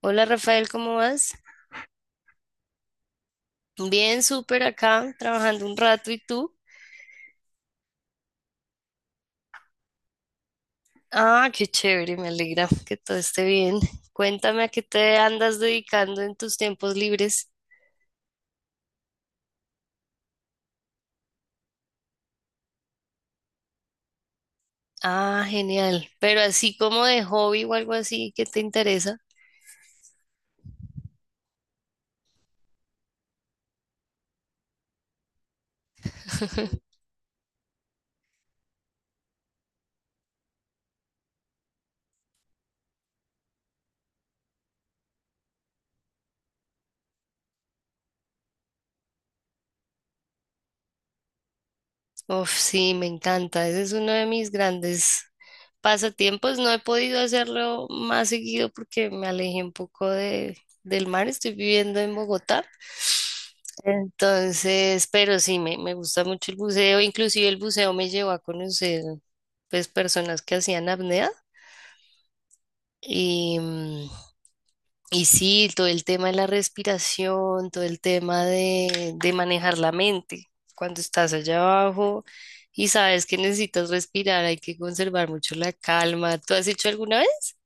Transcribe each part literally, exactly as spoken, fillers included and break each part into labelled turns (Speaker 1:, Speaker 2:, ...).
Speaker 1: Hola Rafael, ¿cómo vas? Bien, súper acá, trabajando un rato. ¿Y tú? Ah, qué chévere, me alegra que todo esté bien. Cuéntame a qué te andas dedicando en tus tiempos libres. Ah, genial. Pero así como de hobby o algo así, ¿qué te interesa? Uf, sí, me encanta. Ese es uno de mis grandes pasatiempos. No he podido hacerlo más seguido porque me alejé un poco de, del mar, estoy viviendo en Bogotá. Entonces, pero sí, me, me gusta mucho el buceo, inclusive el buceo me llevó a conocer pues personas que hacían apnea y, mm, y sí, todo el tema de la respiración, todo el tema de, de manejar la mente. Cuando estás allá abajo y sabes que necesitas respirar, hay que conservar mucho la calma. ¿Tú has hecho alguna vez?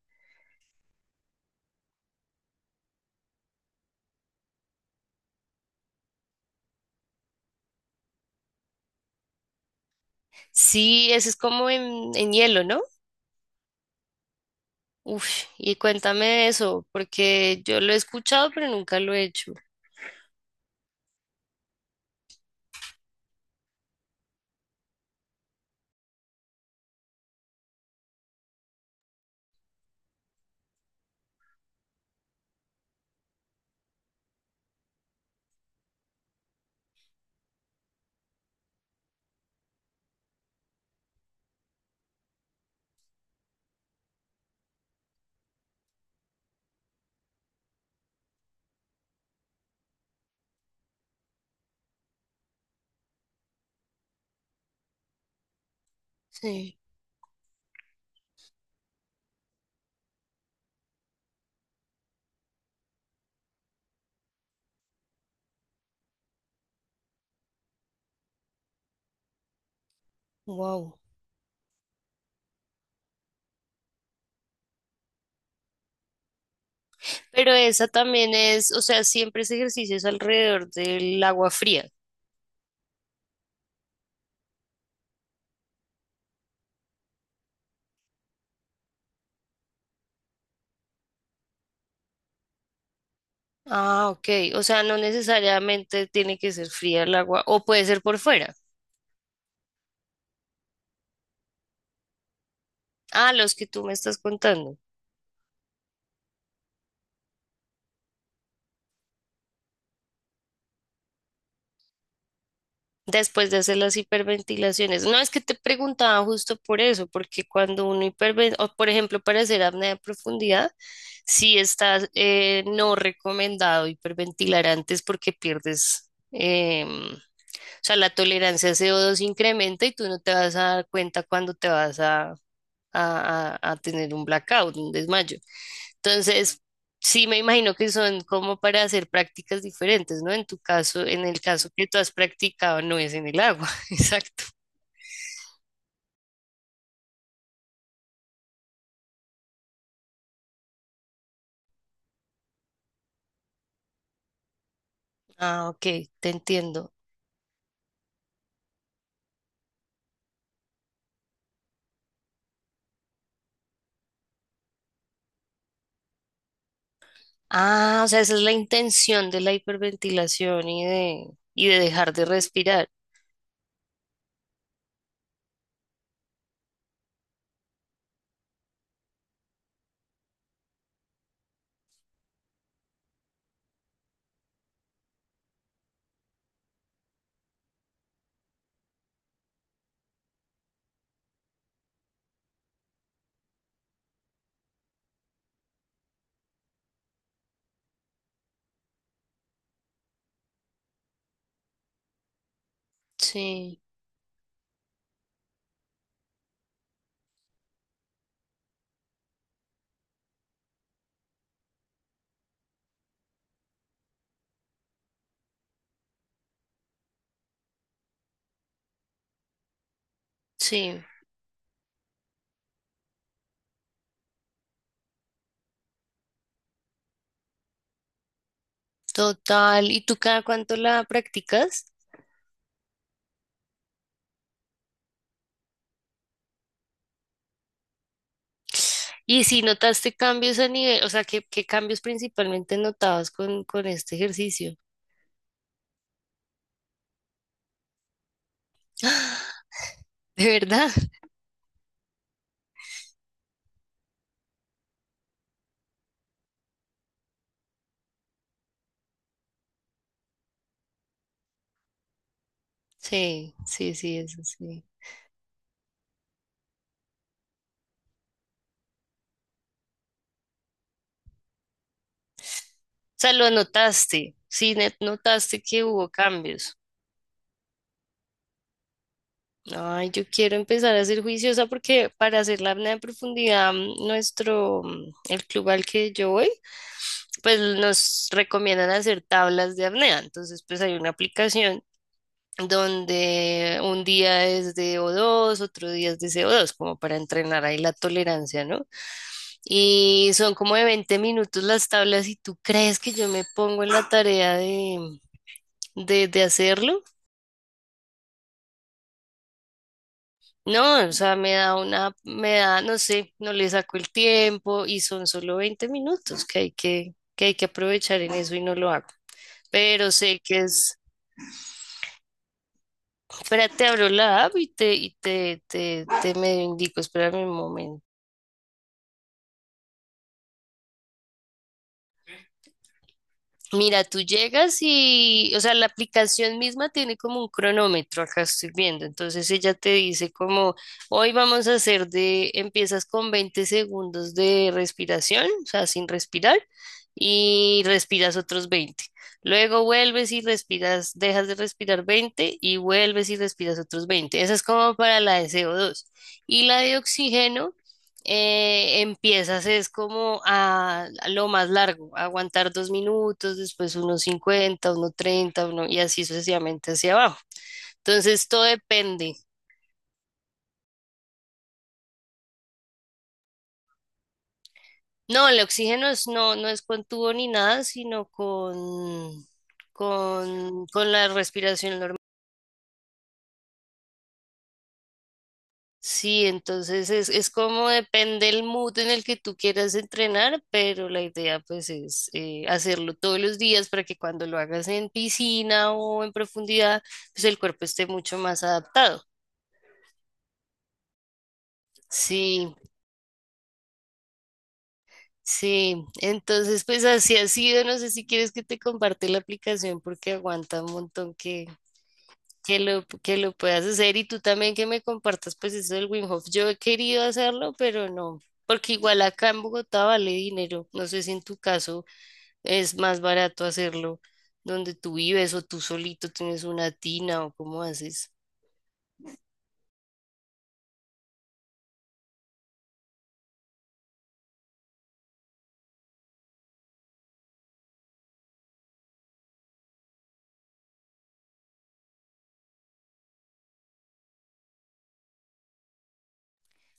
Speaker 1: Sí, eso es como en, en hielo, ¿no? Uf, y cuéntame de eso, porque yo lo he escuchado, pero nunca lo he hecho. Sí, wow. Pero esa también es, o sea, siempre ese ejercicio es alrededor del agua fría. Ah, ok. O sea, no necesariamente tiene que ser fría el agua, o puede ser por fuera. Ah, los que tú me estás contando, después de hacer las hiperventilaciones. No es que te preguntaba justo por eso, porque cuando uno hiperventila, o por ejemplo, para hacer apnea de profundidad, sí está eh, no recomendado hiperventilar antes porque pierdes, em, o sea, la tolerancia a C O dos incrementa y tú no te vas a dar cuenta cuando te vas a a, a- a tener un blackout, un desmayo. Entonces, sí me imagino que son como para hacer prácticas diferentes, ¿no? En tu caso, en el caso que tú has practicado, no es en el agua, exacto. Ah, ok, te entiendo. Ah, o sea, esa es la intención de la hiperventilación y de, y de dejar de respirar. Sí, sí, total. ¿Y tú cada cuánto la practicas? Y si notaste cambios a nivel, o sea, ¿qué, qué cambios principalmente notabas con, con este ejercicio? ¿De verdad? Sí, sí, sí, eso sí. O sea, lo notaste, sí, net- notaste que hubo cambios. Ay, yo quiero empezar a ser juiciosa porque para hacer la apnea de profundidad, mm, nuestro, mm, el club al que yo voy, pues nos recomiendan hacer tablas de apnea. Entonces, pues hay una aplicación donde un día es de o dos, otro día es de co dos, como para entrenar ahí la tolerancia, ¿no? Y son como de veinte minutos las tablas y tú crees que yo me pongo en la tarea de, de, de hacerlo. No, o sea, me da una, me da, no sé, no le saco el tiempo y son solo veinte minutos que hay que, que hay que aprovechar en eso y no lo hago. Pero sé que es, espérate, abro la app y te, y te, te, te medio indico, espérame un momento. Mira, tú llegas y, o sea, la aplicación misma tiene como un cronómetro, acá estoy viendo. Entonces ella te dice como, hoy vamos a hacer de, empiezas con veinte segundos de respiración, o sea, sin respirar, y respiras otros veinte. Luego vuelves y respiras, dejas de respirar veinte y vuelves y respiras otros veinte. Esa es como para la de co dos. Y la de oxígeno, eh, empiezas es como a, a lo más largo, a aguantar dos minutos, después unos cincuenta uno treinta uno, y así sucesivamente hacia abajo. Entonces todo depende. No, el oxígeno es- no, no es con tubo ni nada, sino con, con, con la respiración normal. Sí, entonces es, es como depende el mood en el que tú quieras entrenar, pero la idea pues es eh, hacerlo todos los días para que cuando lo hagas en piscina o en profundidad, pues el cuerpo esté mucho más adaptado. Sí, sí, entonces pues así ha sido, no sé si quieres que te comparte la aplicación porque aguanta un montón que, que lo, que lo puedas hacer y tú también que me compartas pues eso del Wim Hof. Yo he querido hacerlo, pero no, porque igual acá en Bogotá vale dinero. No sé si en tu caso es más barato hacerlo donde tú vives o tú solito tienes una tina o cómo haces.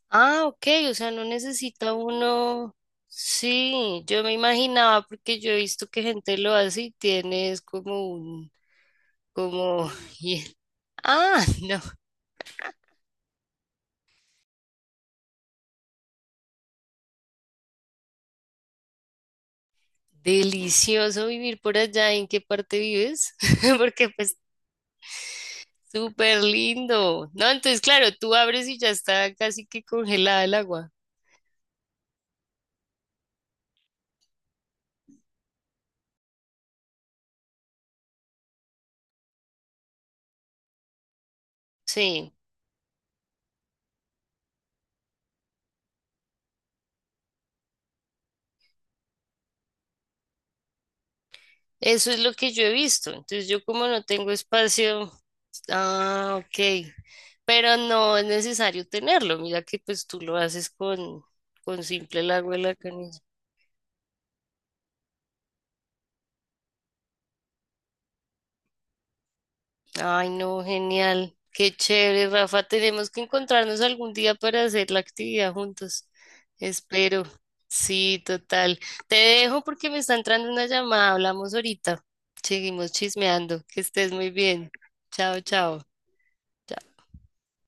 Speaker 1: Ah, ok, o sea, no necesita uno. Sí, yo me imaginaba porque yo he visto que gente lo hace y tienes como un, como, y- ah, no. Delicioso vivir por allá. ¿En qué parte vives? Porque pues súper lindo. No, entonces claro, tú abres y ya está casi que congelada el agua. Sí, eso es lo que yo he visto. Entonces yo como no tengo espacio, ah, ok. Pero no es necesario tenerlo. Mira que pues tú lo haces con, con simple el agua de la canilla. Ay, no, genial. Qué chévere, Rafa. Tenemos que encontrarnos algún día para hacer la actividad juntos. Espero. Sí, total. Te dejo porque me está entrando una llamada. Hablamos ahorita. Seguimos chismeando. Que estés muy bien. Chao, chao.